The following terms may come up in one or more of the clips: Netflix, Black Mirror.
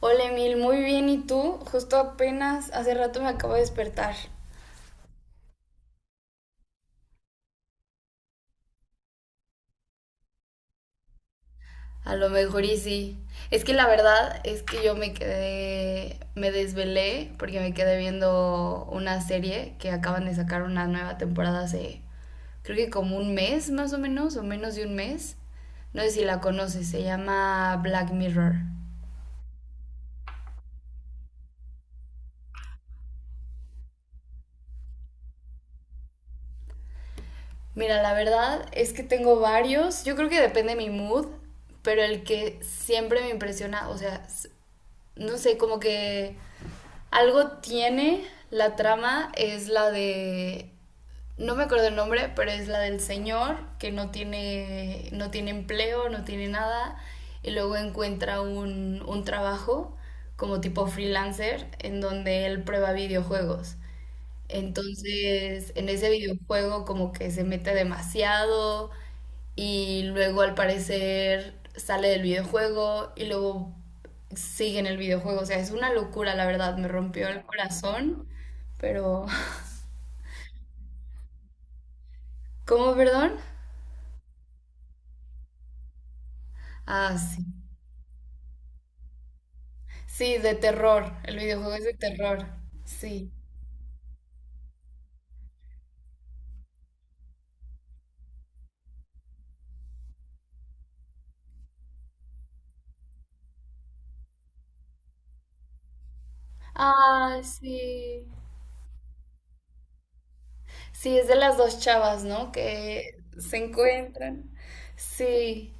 Hola Emil, muy bien, ¿y tú? Justo apenas hace rato me acabo de despertar. A lo mejor y sí. Es que la verdad es que me desvelé porque me quedé viendo una serie que acaban de sacar una nueva temporada hace, creo que como un mes más o menos de un mes. No sé si la conoces, se llama Black Mirror. Mira, la verdad es que tengo varios, yo creo que depende de mi mood, pero el que siempre me impresiona, o sea, no sé, como que algo tiene la trama, es la de, no me acuerdo el nombre, pero es la del señor que no tiene empleo, no tiene nada, y luego encuentra un trabajo como tipo freelancer en donde él prueba videojuegos. Entonces, en ese videojuego como que se mete demasiado y luego al parecer sale del videojuego y luego sigue en el videojuego. O sea, es una locura, la verdad, me rompió el corazón, pero... ¿Cómo, perdón? Ah, sí. Sí, de terror. El videojuego es de terror. Sí. Ah, sí. Sí, es de las dos chavas, ¿no? Que se encuentran. Sí.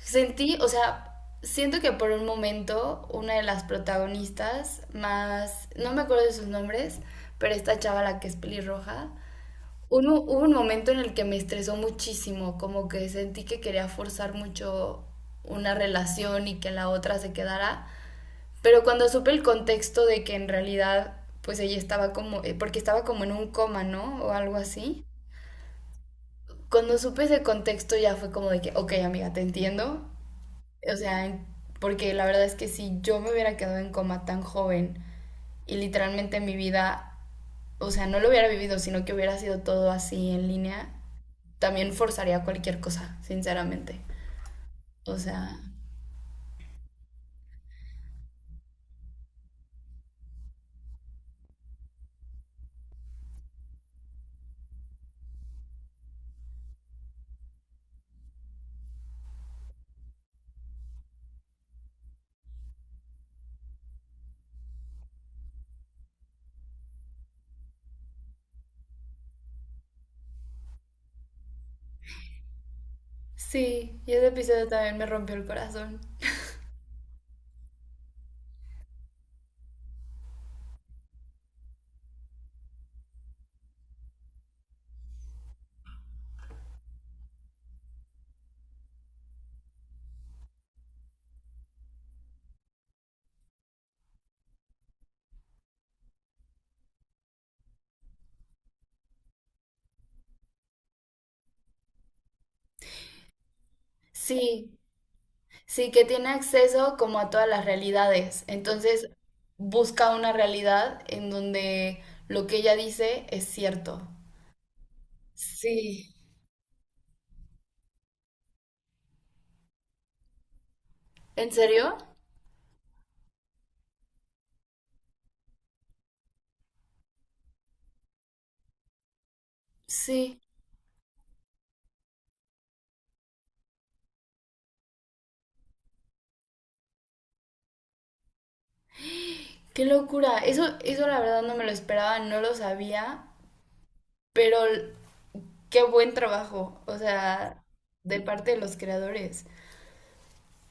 Sentí, o sea, siento que por un momento una de las protagonistas, más, no me acuerdo de sus nombres, pero esta chava la que es pelirroja, hubo un momento en el que me estresó muchísimo, como que sentí que quería forzar mucho una relación y que la otra se quedara. Pero cuando supe el contexto de que en realidad, pues ella estaba como, porque estaba como en un coma, ¿no? O algo así. Cuando supe ese contexto ya fue como de que, ok, amiga, te entiendo. O sea, porque la verdad es que si yo me hubiera quedado en coma tan joven y literalmente mi vida, o sea, no lo hubiera vivido, sino que hubiera sido todo así en línea, también forzaría cualquier cosa, sinceramente. O sea, sí, y ese episodio también me rompió el corazón. Sí, sí, que tiene acceso como a todas las realidades. Entonces, busca una realidad en donde lo que ella dice es cierto. Sí. ¿En serio? Sí. Qué locura. Eso la verdad no me lo esperaba, no lo sabía, pero qué buen trabajo, o sea, de parte de los creadores.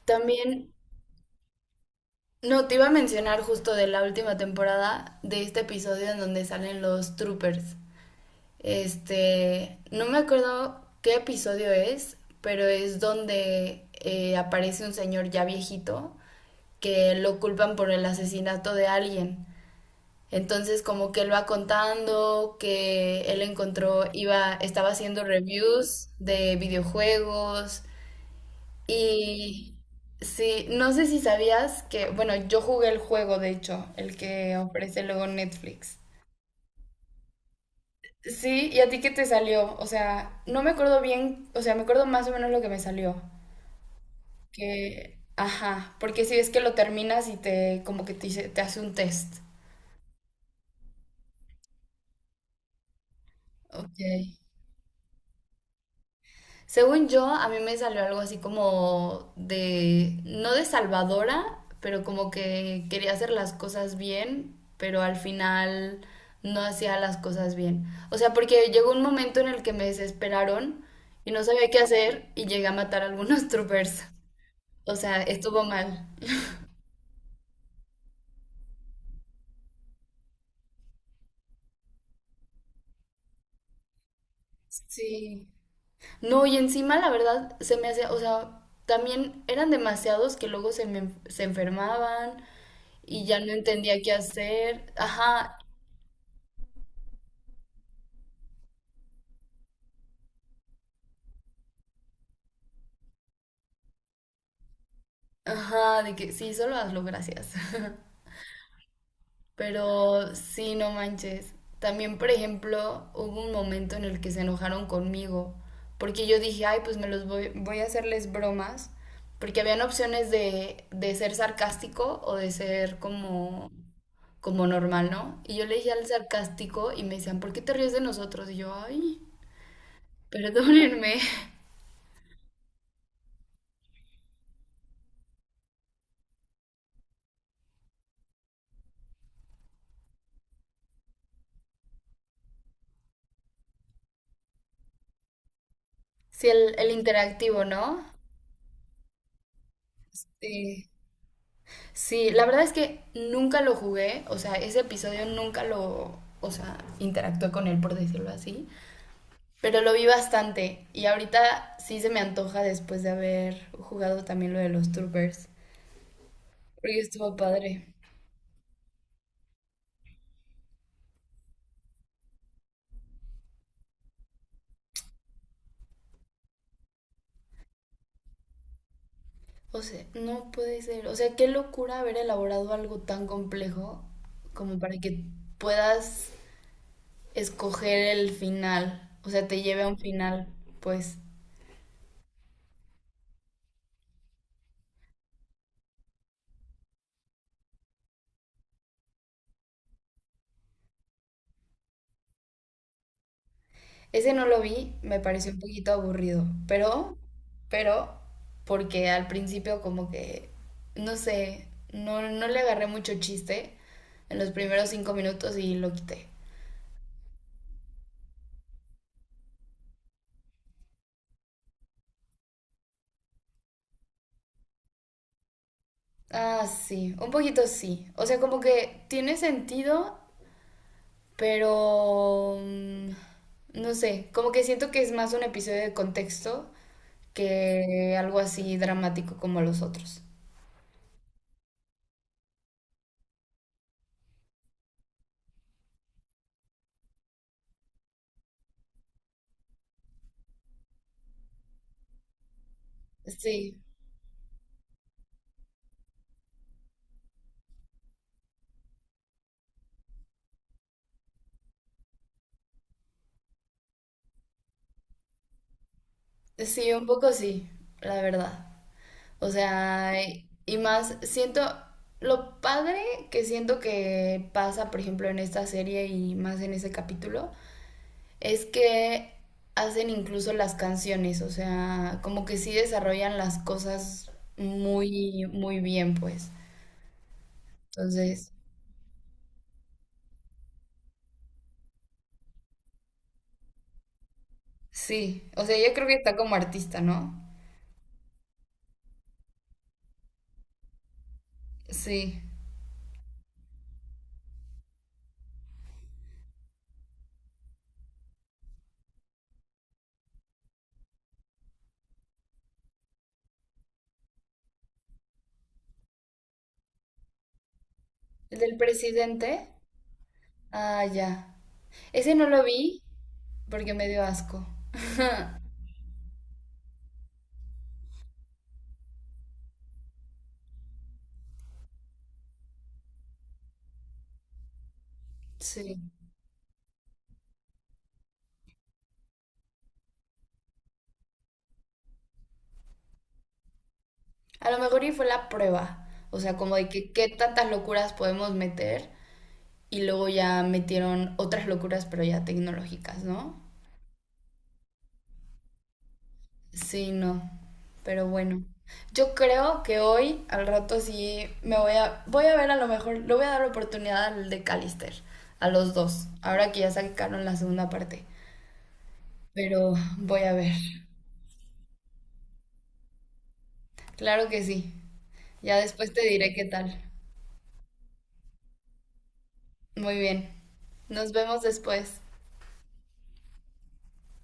También, no, te iba a mencionar justo de la última temporada, de este episodio en donde salen los troopers. Este, no me acuerdo qué episodio es, pero es donde aparece un señor ya viejito que lo culpan por el asesinato de alguien. Entonces, como que él va contando que él encontró, iba, estaba haciendo reviews de videojuegos y sí, no sé si sabías que, bueno, yo jugué el juego, de hecho, el que ofrece luego Netflix. Sí, ¿y a ti qué te salió? O sea, no me acuerdo bien, o sea, me acuerdo más o menos lo que me salió. Que, ajá, porque si es que lo terminas y te, como que te, te hace un test. Ok. Según yo, a mí me salió algo así como de, no de salvadora, pero como que quería hacer las cosas bien, pero al final no hacía las cosas bien. O sea, porque llegó un momento en el que me desesperaron y no sabía qué hacer y llegué a matar a algunos troopers. O sea, estuvo mal. Sí. No, y encima la verdad se me hacía, o sea, también eran demasiados que luego se enfermaban y ya no entendía qué hacer. Ajá, ajá, de que sí, solo hazlo, gracias. Pero sí, no manches. También, por ejemplo, hubo un momento en el que se enojaron conmigo, porque yo dije, ay, voy a hacerles bromas, porque habían opciones de ser sarcástico o de ser como, como normal, ¿no? Y yo le dije al sarcástico y me decían, ¿por qué te ríes de nosotros? Y yo, ay, perdónenme. Sí, el interactivo, ¿no? Sí. Sí, la verdad es que nunca lo jugué, o sea, ese episodio nunca lo, o sea, interactué con él, por decirlo así, pero lo vi bastante y ahorita sí se me antoja después de haber jugado también lo de los troopers, porque estuvo padre. O sea, no puede ser, o sea, qué locura haber elaborado algo tan complejo como para que puedas escoger el final, o sea, te lleve a un final, pues. Ese no lo vi, me pareció un poquito aburrido, pero, porque al principio como que, no sé, no le agarré mucho chiste en los primeros 5 minutos y lo quité. Ah, sí, un poquito sí. O sea, como que tiene sentido, pero, mm, no sé, como que siento que es más un episodio de contexto que algo así dramático como los otros. Sí. Sí, un poco sí, la verdad. O sea, y más siento lo padre que siento que pasa, por ejemplo, en esta serie y más en ese capítulo, es que hacen incluso las canciones, o sea, como que sí desarrollan las cosas muy, muy bien, pues. Entonces, sí, o sea, yo creo que está como artista, ¿no? Sí. ¿El del presidente? Ah, ya. Ese no lo vi porque me dio asco. Sí. A lo mejor y fue la prueba. O sea, como de que qué tantas locuras podemos meter y luego ya metieron otras locuras, pero ya tecnológicas, ¿no? Sí, no. Pero bueno. Yo creo que hoy, al rato, sí me voy a. Voy a ver a lo mejor. Le voy a dar oportunidad al de Callister. A los dos. Ahora que ya sacaron la segunda parte. Pero voy a ver. Claro que sí. Ya después te diré qué tal. Muy bien. Nos vemos después.